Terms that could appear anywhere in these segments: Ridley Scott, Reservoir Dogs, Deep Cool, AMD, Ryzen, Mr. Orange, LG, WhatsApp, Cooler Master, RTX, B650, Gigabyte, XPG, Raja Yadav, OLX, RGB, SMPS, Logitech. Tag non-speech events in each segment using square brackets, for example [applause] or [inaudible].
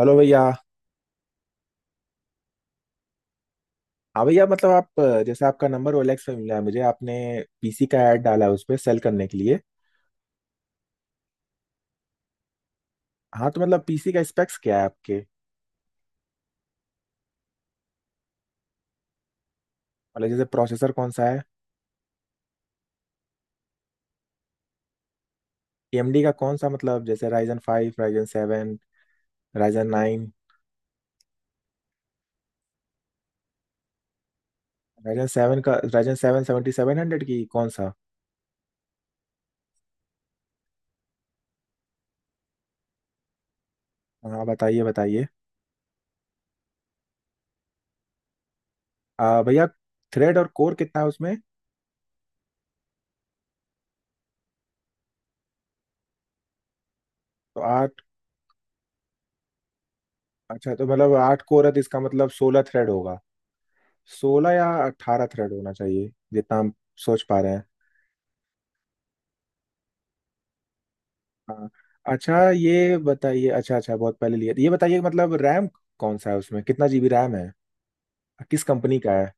Hello भैया। हाँ भैया, मतलब आप जैसे आपका नंबर ओएलएक्स पे मिला है, मुझे आपने पीसी का ऐड डाला है उस पे सेल करने के लिए। हाँ तो मतलब पीसी का स्पेक्स क्या है आपके? मतलब जैसे प्रोसेसर कौन सा है? एएमडी का कौन सा, मतलब जैसे Ryzen five, Ryzen seven, Ryzen nine? Ryzen seven का Ryzen seven seventy seven hundred की कौन सा? हाँ, बताइए, बताइए। भैया, थ्रेड और कोर कितना है उसमें? तो आठ। अच्छा तो मतलब आठ कोर है तो इसका मतलब 16 थ्रेड होगा। सोलह या 18 थ्रेड होना चाहिए जितना हम सोच पा रहे हैं। हाँ। अच्छा ये बताइए, अच्छा अच्छा, बहुत पहले लिया था। ये बताइए मतलब रैम कौन सा है उसमें, कितना जीबी रैम है, किस कंपनी का है?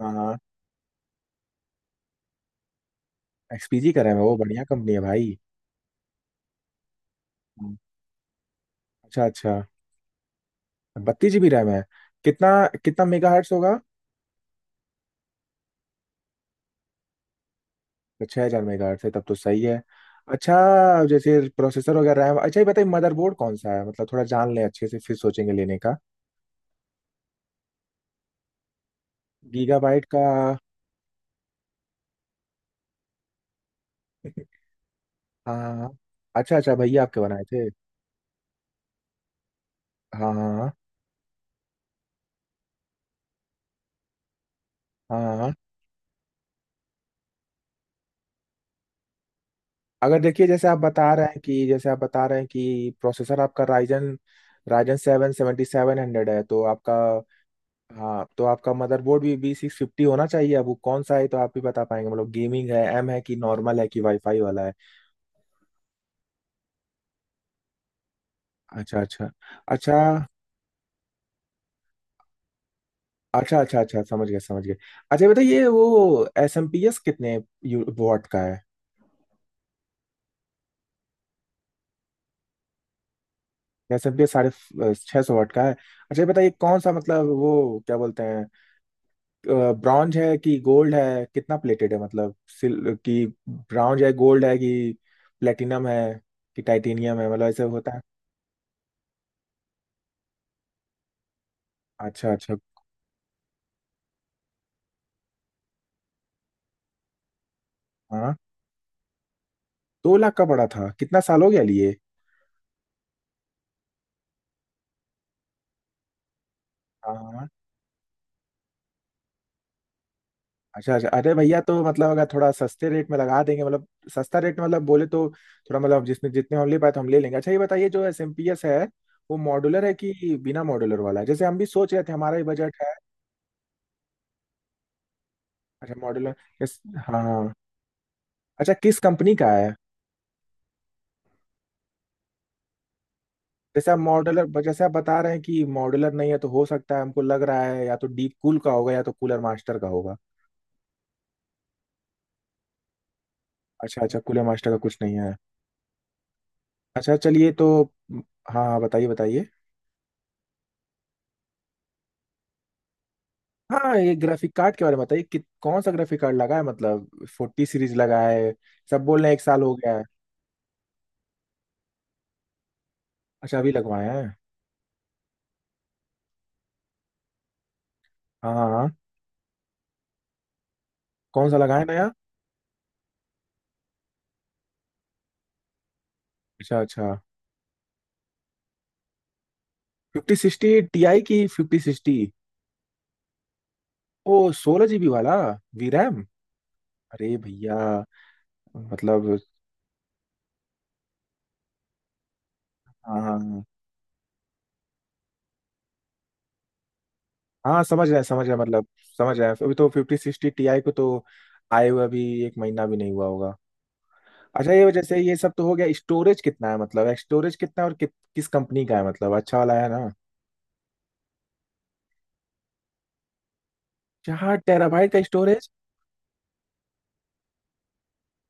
हाँ हाँ, एक्सपीजी का रैम है, वो बढ़िया कंपनी है भाई। हाँ। अच्छा अच्छा, 32 जीबी रैम है। कितना कितना मेगा हर्ट्स होगा? 6,000 मेगा हर्ट्स है तब तो सही है। अच्छा। जैसे प्रोसेसर वगैरह, रैम, अच्छा ये बताइए मदरबोर्ड कौन सा है, मतलब थोड़ा जान लें अच्छे से फिर सोचेंगे लेने का। गीगाबाइट का, हाँ हाँ, हाँ। अच्छा अच्छा, भैया आपके बनाए थे? हाँ हाँ, हाँ हाँ। अगर देखिए, जैसे आप बता रहे हैं कि प्रोसेसर आपका Ryzen Ryzen seven seventy seven hundred है तो आपका। हाँ तो आपका मदरबोर्ड भी बी सिक्स फिफ्टी होना चाहिए, अब वो कौन सा है तो आप भी बता पाएंगे, मतलब गेमिंग है, एम है कि नॉर्मल है कि वाईफाई वाला है? अच्छा अच्छा, अच्छा अच्छा, अच्छा अच्छा, समझ गए, समझ गए। अच्छा बताइए, ये बताइए वो एस एम पी एस कितने वाट का है? एस एम पी एस 650 वाट का है। अच्छा ये बताइए कौन सा, मतलब वो क्या बोलते हैं, ब्रॉन्ज है कि गोल्ड है, कितना प्लेटेड है मतलब? सिल कि ब्रॉन्ज है, गोल्ड है, कि प्लेटिनम है कि टाइटेनियम है, मतलब ऐसे होता है। अच्छा अच्छा। हाँ 2 लाख का पड़ा था? कितना साल हो गया लिए? हाँ हाँ। अच्छा अच्छा, अरे भैया तो मतलब अगर थोड़ा सस्ते रेट में लगा देंगे मतलब। सस्ता रेट मतलब बोले तो थोड़ा मतलब जिसने जितने हम ले पाए तो हम ले लेंगे। अच्छा ये बताइए, जो एस एम पी एस है वो मॉड्यूलर है कि बिना मॉड्यूलर वाला है? जैसे हम भी सोच रहे थे, हमारा भी बजट है। अच्छा मॉड्यूलर। हाँ हाँ। अच्छा किस कंपनी का है? जैसे आप बता रहे हैं कि मॉडलर नहीं है तो हो सकता है, हमको लग रहा है या तो डीप कूल का होगा या तो कूलर मास्टर का होगा। अच्छा अच्छा, कूलर मास्टर का कुछ नहीं है। अच्छा चलिए तो, हाँ हाँ, बताइए, बताइए। हाँ, ये ग्राफिक कार्ड के बारे में बताइए कि कौन सा ग्राफिक कार्ड लगा है, मतलब फोर्टी सीरीज लगा है? सब बोल रहे हैं एक साल हो गया है। अच्छा, अभी लगवाया है? हाँ हाँ हाँ। कौन सा लगा है नया? अच्छा अच्छा। Fifty sixty? टी आई की फिफ्टी सिक्सटी? ओ, सोलह जीबी वाला। V RAM? अरे भैया मतलब। हाँ हाँ हाँ। हाँ, समझ रहे हैं, समझ रहे हैं मतलब, समझ रहे हैं, अभी तो फिफ्टी सिक्सटी टीआई को तो आए हुए अभी एक महीना भी नहीं हुआ होगा। अच्छा ये वजह से, ये सब तो हो गया। स्टोरेज कितना है, मतलब स्टोरेज कितना है, और कि, किस कंपनी का है, मतलब अच्छा वाला है ना? 4 टेराबाइट का स्टोरेज?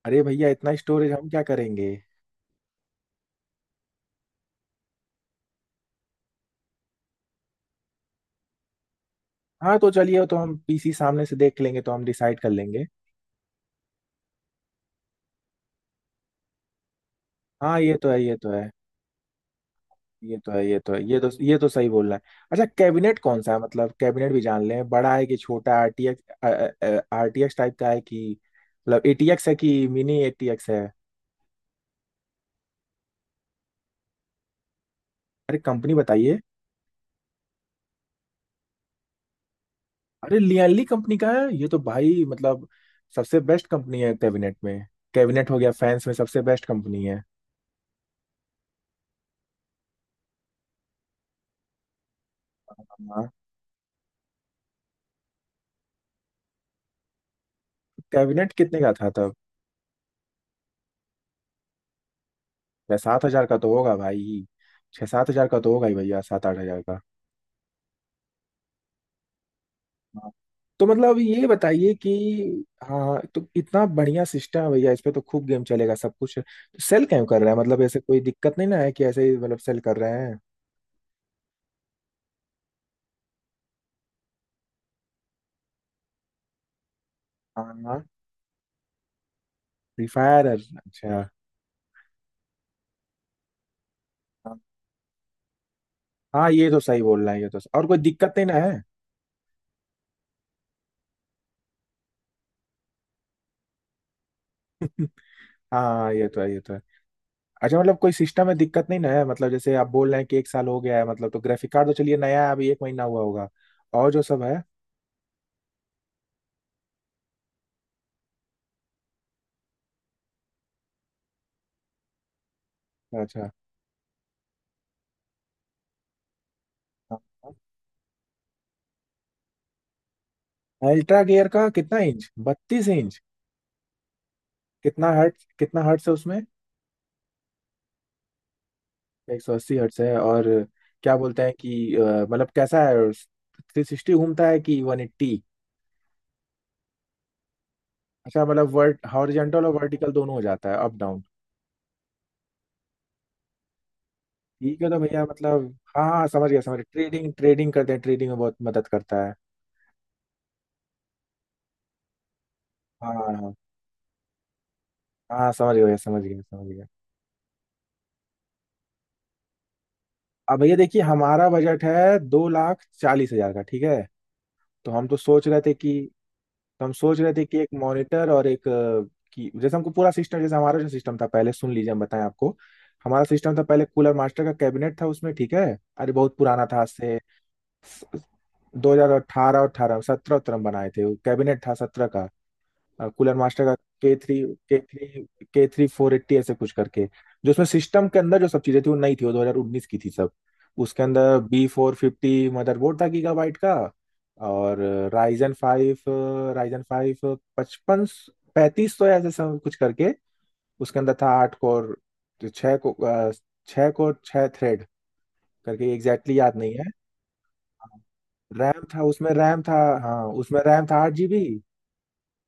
अरे भैया, इतना स्टोरेज हम क्या करेंगे? हाँ तो चलिए, वो तो हम पीसी सामने से देख लेंगे तो हम डिसाइड कर लेंगे। हाँ, ये तो है, ये तो है, ये तो है, ये तो है। ये तो सही बोल रहा है। अच्छा, कैबिनेट कौन सा है, मतलब कैबिनेट भी जान लें, बड़ा है कि छोटा? आरटीएक्स आरटीएक्स टाइप का है कि, मतलब एटीएक्स है कि मिनी एटीएक्स है? अरे कंपनी बताइए। अरे लियाली कंपनी का है ये तो भाई, मतलब सबसे बेस्ट कंपनी है कैबिनेट में। कैबिनेट हो गया, फैंस में सबसे बेस्ट कंपनी है। हाँ। कैबिनेट कितने का था तब? छह सात हजार का तो होगा भाई, छह सात हजार का तो होगा ही भैया, सात आठ हजार का। हाँ। तो मतलब ये बताइए कि, हाँ तो इतना बढ़िया सिस्टम है भैया, इस पे तो खूब गेम चलेगा, सब कुछ है। तो सेल क्यों कर रहा है, मतलब ऐसे कोई दिक्कत नहीं ना है कि ऐसे ही मतलब सेल कर रहे हैं? हाँ हाँ, फ्री फायर अच्छा। हाँ हाँ, ये तो सही बोल रहा है ये तो, और कोई दिक्कत नहीं ना है? [laughs] हाँ, ये तो है, ये तो है। अच्छा मतलब कोई सिस्टम में दिक्कत नहीं ना है मतलब, जैसे आप बोल रहे हैं कि एक साल हो गया है मतलब, तो ग्राफिक कार्ड तो चलिए नया है अभी एक महीना हुआ होगा, और जो सब है। अच्छा, अल्ट्रा गियर का? कितना इंच, 32 इंच? कितना हर्ट्स है उसमें? 180 हर्ट्स है और क्या बोलते हैं कि मतलब कैसा है, 360 घूमता है कि 180? अच्छा मतलब वर्ट हॉरिजेंटल और वर्टिकल दोनों हो जाता है, अप डाउन? ठीक है तो भैया मतलब, हाँ हाँ, समझ गया, समझ गया। ट्रेडिंग ट्रेडिंग करते हैं, ट्रेडिंग में बहुत मदद करता है। हाँ हाँ, हाँ हाँ, समझ गया भैया, समझ गया, समझ गया। अब भैया देखिए हमारा बजट है 2,40,000 का, ठीक है। तो हम तो सोच रहे थे कि तो हम सोच रहे थे कि एक मॉनिटर और एक की, जैसे हमको पूरा सिस्टम, जैसे हमारा जो सिस्टम था पहले सुन लीजिए, हम बताएं आपको। हमारा सिस्टम था पहले, कूलर मास्टर का कैबिनेट था उसमें, ठीक है। अरे बहुत पुराना था, आज से 2018 और अठारह अठारह सत्रह उत्रह में बनाए थे। वो कैबिनेट था सत्रह का, कूलर मास्टर का। K three K three K three four eighty ऐसे कुछ करके। जो उसमें सिस्टम के अंदर जो सब चीजें थी वो नई थी, वो 2019 की थी सब। उसके अंदर बी फोर फिफ्टी मदरबोर्ड था गीगाबाइट का। और राइजन फाइव राइजन फाइव पचपन पैंतीस सौ ऐसे सब कुछ करके। उसके अंदर था आठ कोर, तो छः कोर, छः थ्रेड करके, एग्जैक्टली याद नहीं है। रैम था उसमें, रैम था, हाँ उसमें रैम था 8 जीबी।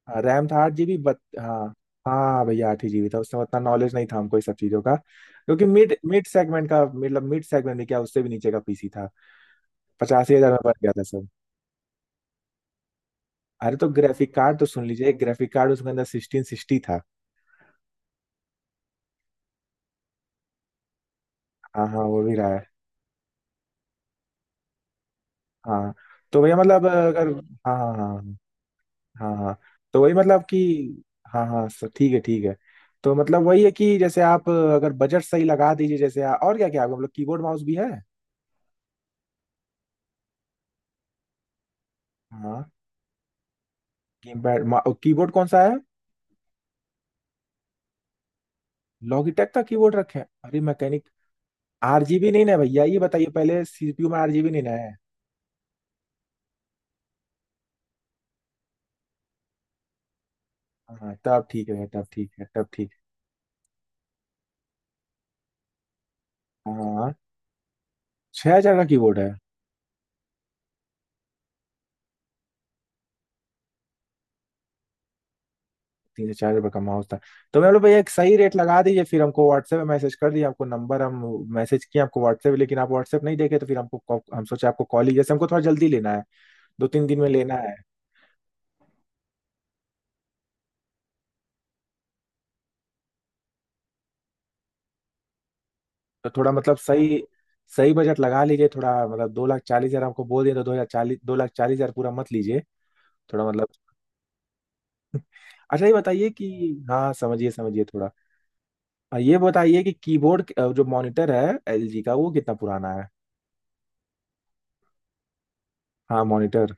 हाँ, रैम था 8 जीबी बट। हाँ हाँ भैया, आठ ही जीबी था। उसमें उतना नॉलेज नहीं था हमको ये सब चीज़ों का, क्योंकि मिड मिड सेगमेंट का मतलब, मिड सेगमेंट में क्या, उससे भी नीचे का पीसी था। 85,000 में बन गया था सब। अरे तो ग्राफिक कार्ड तो सुन लीजिए, ग्राफिक कार्ड उसके अंदर 1660 था। हाँ हाँ, वो भी रहा है। हाँ तो भैया मतलब अगर। हाँ हाँ, हाँ हाँ, हाँ तो वही मतलब कि, हाँ हाँ सर, ठीक है, ठीक है। तो मतलब वही है कि जैसे आप अगर बजट सही लगा दीजिए, जैसे और क्या क्या है आपको, मतलब कीबोर्ड माउस भी है? हाँ, कीपैड? कीबोर्ड कौन सा है? लॉगिटेक का कीबोर्ड रखे हैं? अरे, मैकेनिक। आरजीबी नहीं ना है भैया, ये बताइए पहले सीपीयू में आरजीबी नहीं ना है? हाँ तब ठीक है, तब ठीक है, तब ठीक है। हाँ, 6,000 का कीबोर्ड है। 3 से 4 हजार का माउस था। तो मैं बोला भैया एक सही रेट लगा दीजिए, फिर हमको व्हाट्सएप में मैसेज कर दिए। आपको नंबर हम मैसेज किए आपको व्हाट्सएप, लेकिन आप व्हाट्सएप नहीं देखे तो फिर हमको हम सोचे आपको कॉल ही, जैसे हमको थोड़ा जल्दी लेना है, दो तीन दिन में लेना है। तो थोड़ा मतलब सही, सही बजट लगा लीजिए थोड़ा मतलब। दो लाख चालीस हजार हमको बोल दिया तो, दो हजार चालीस, दो लाख चालीस हजार पूरा मत लीजिए, थोड़ा मतलब। अच्छा ये बताइए कि, हाँ समझिए, समझिए थोड़ा, ये बताइए कि जो मॉनिटर है एलजी का वो कितना पुराना है? हाँ, मॉनिटर।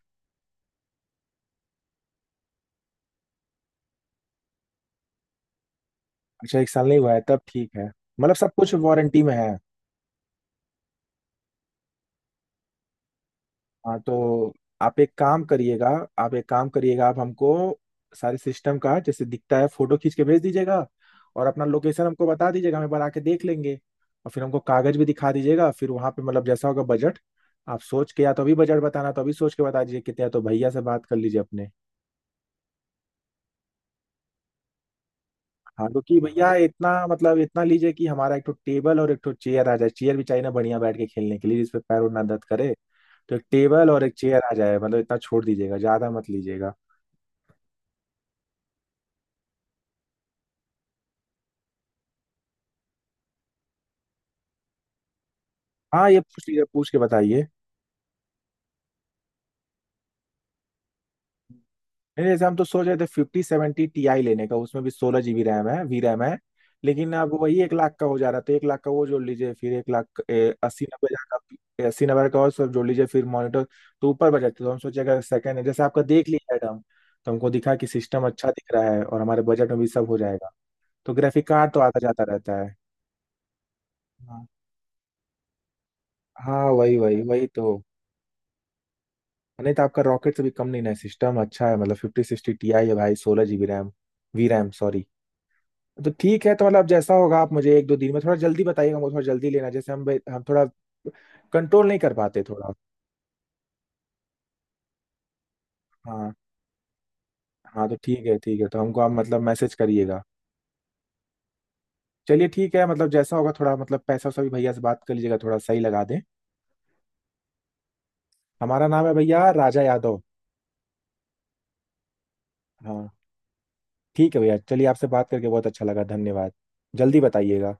अच्छा एक साल नहीं हुआ है, तब ठीक है। मतलब सब कुछ वारंटी में है? हाँ तो, आप एक काम करिएगा आप एक काम करिएगा, आप हमको सारे सिस्टम का जैसे दिखता है फोटो खींच के भेज दीजिएगा। और अपना लोकेशन हमको बता दीजिएगा, हम एक बार आके देख लेंगे। और फिर हमको कागज भी दिखा दीजिएगा, फिर वहां पे मतलब जैसा होगा बजट। आप सोच के, या तो अभी बजट बताना तो अभी सोच के बता दीजिए कितने है, तो भैया से बात कर लीजिए अपने। हाँ, क्योंकि भैया इतना मतलब, इतना लीजिए कि हमारा एक तो टेबल और एक तो चेयर आ जाए, चेयर भी चाहिए ना बढ़िया बैठ के खेलने के लिए, जिसपे पैर उड़ ना दर्द करे। तो एक टेबल और एक चेयर आ जाए मतलब, इतना छोड़ दीजिएगा, ज्यादा मत लीजिएगा। हाँ, ये पूछ लीजिए, पूछ के बताइए। नहीं, जैसे हम तो सोच रहे थे फिफ्टी सेवेंटी ti लेने का, उसमें भी 16 जीबी रैम है, वी रैम है। लेकिन अब वही 1 लाख का हो जा रहा था, एक लाख का वो जोड़ लीजिए फिर। एक लाख अस्सी नब्बे हजार का, अस्सी नब्बे का और सब जोड़ लीजिए फिर मॉनिटर। तो ऊपर बजट तो हम सोचे, अगर सेकंड है जैसे आपका, देख लिया एडम तो हमको दिखा कि सिस्टम अच्छा दिख रहा है और हमारे बजट में भी सब हो जाएगा। तो ग्राफिक कार्ड तो आता जाता रहता है। हाँ हाँ, वही वही वही तो। नहीं तो आपका रॉकेट से भी कम नहीं है सिस्टम, अच्छा है मतलब। फिफ्टी सिक्सटी ti है भाई, 16 GB RAM, V RAM sorry. तो ठीक है, तो मतलब अब जैसा होगा आप मुझे एक दो दिन में थोड़ा जल्दी बताइएगा, मुझे थोड़ा जल्दी लेना, जैसे हम हम थोड़ा कंट्रोल नहीं कर पाते थोड़ा। हाँ हाँ, तो ठीक है, ठीक है, तो हमको आप मतलब मैसेज करिएगा। चलिए ठीक है मतलब, जैसा होगा थोड़ा मतलब, पैसा वैसा भी भैया से बात कर लीजिएगा, थोड़ा सही लगा दें। हमारा नाम है भैया राजा यादव। हाँ, ठीक है भैया, चलिए आपसे बात करके बहुत अच्छा लगा, धन्यवाद, जल्दी बताइएगा।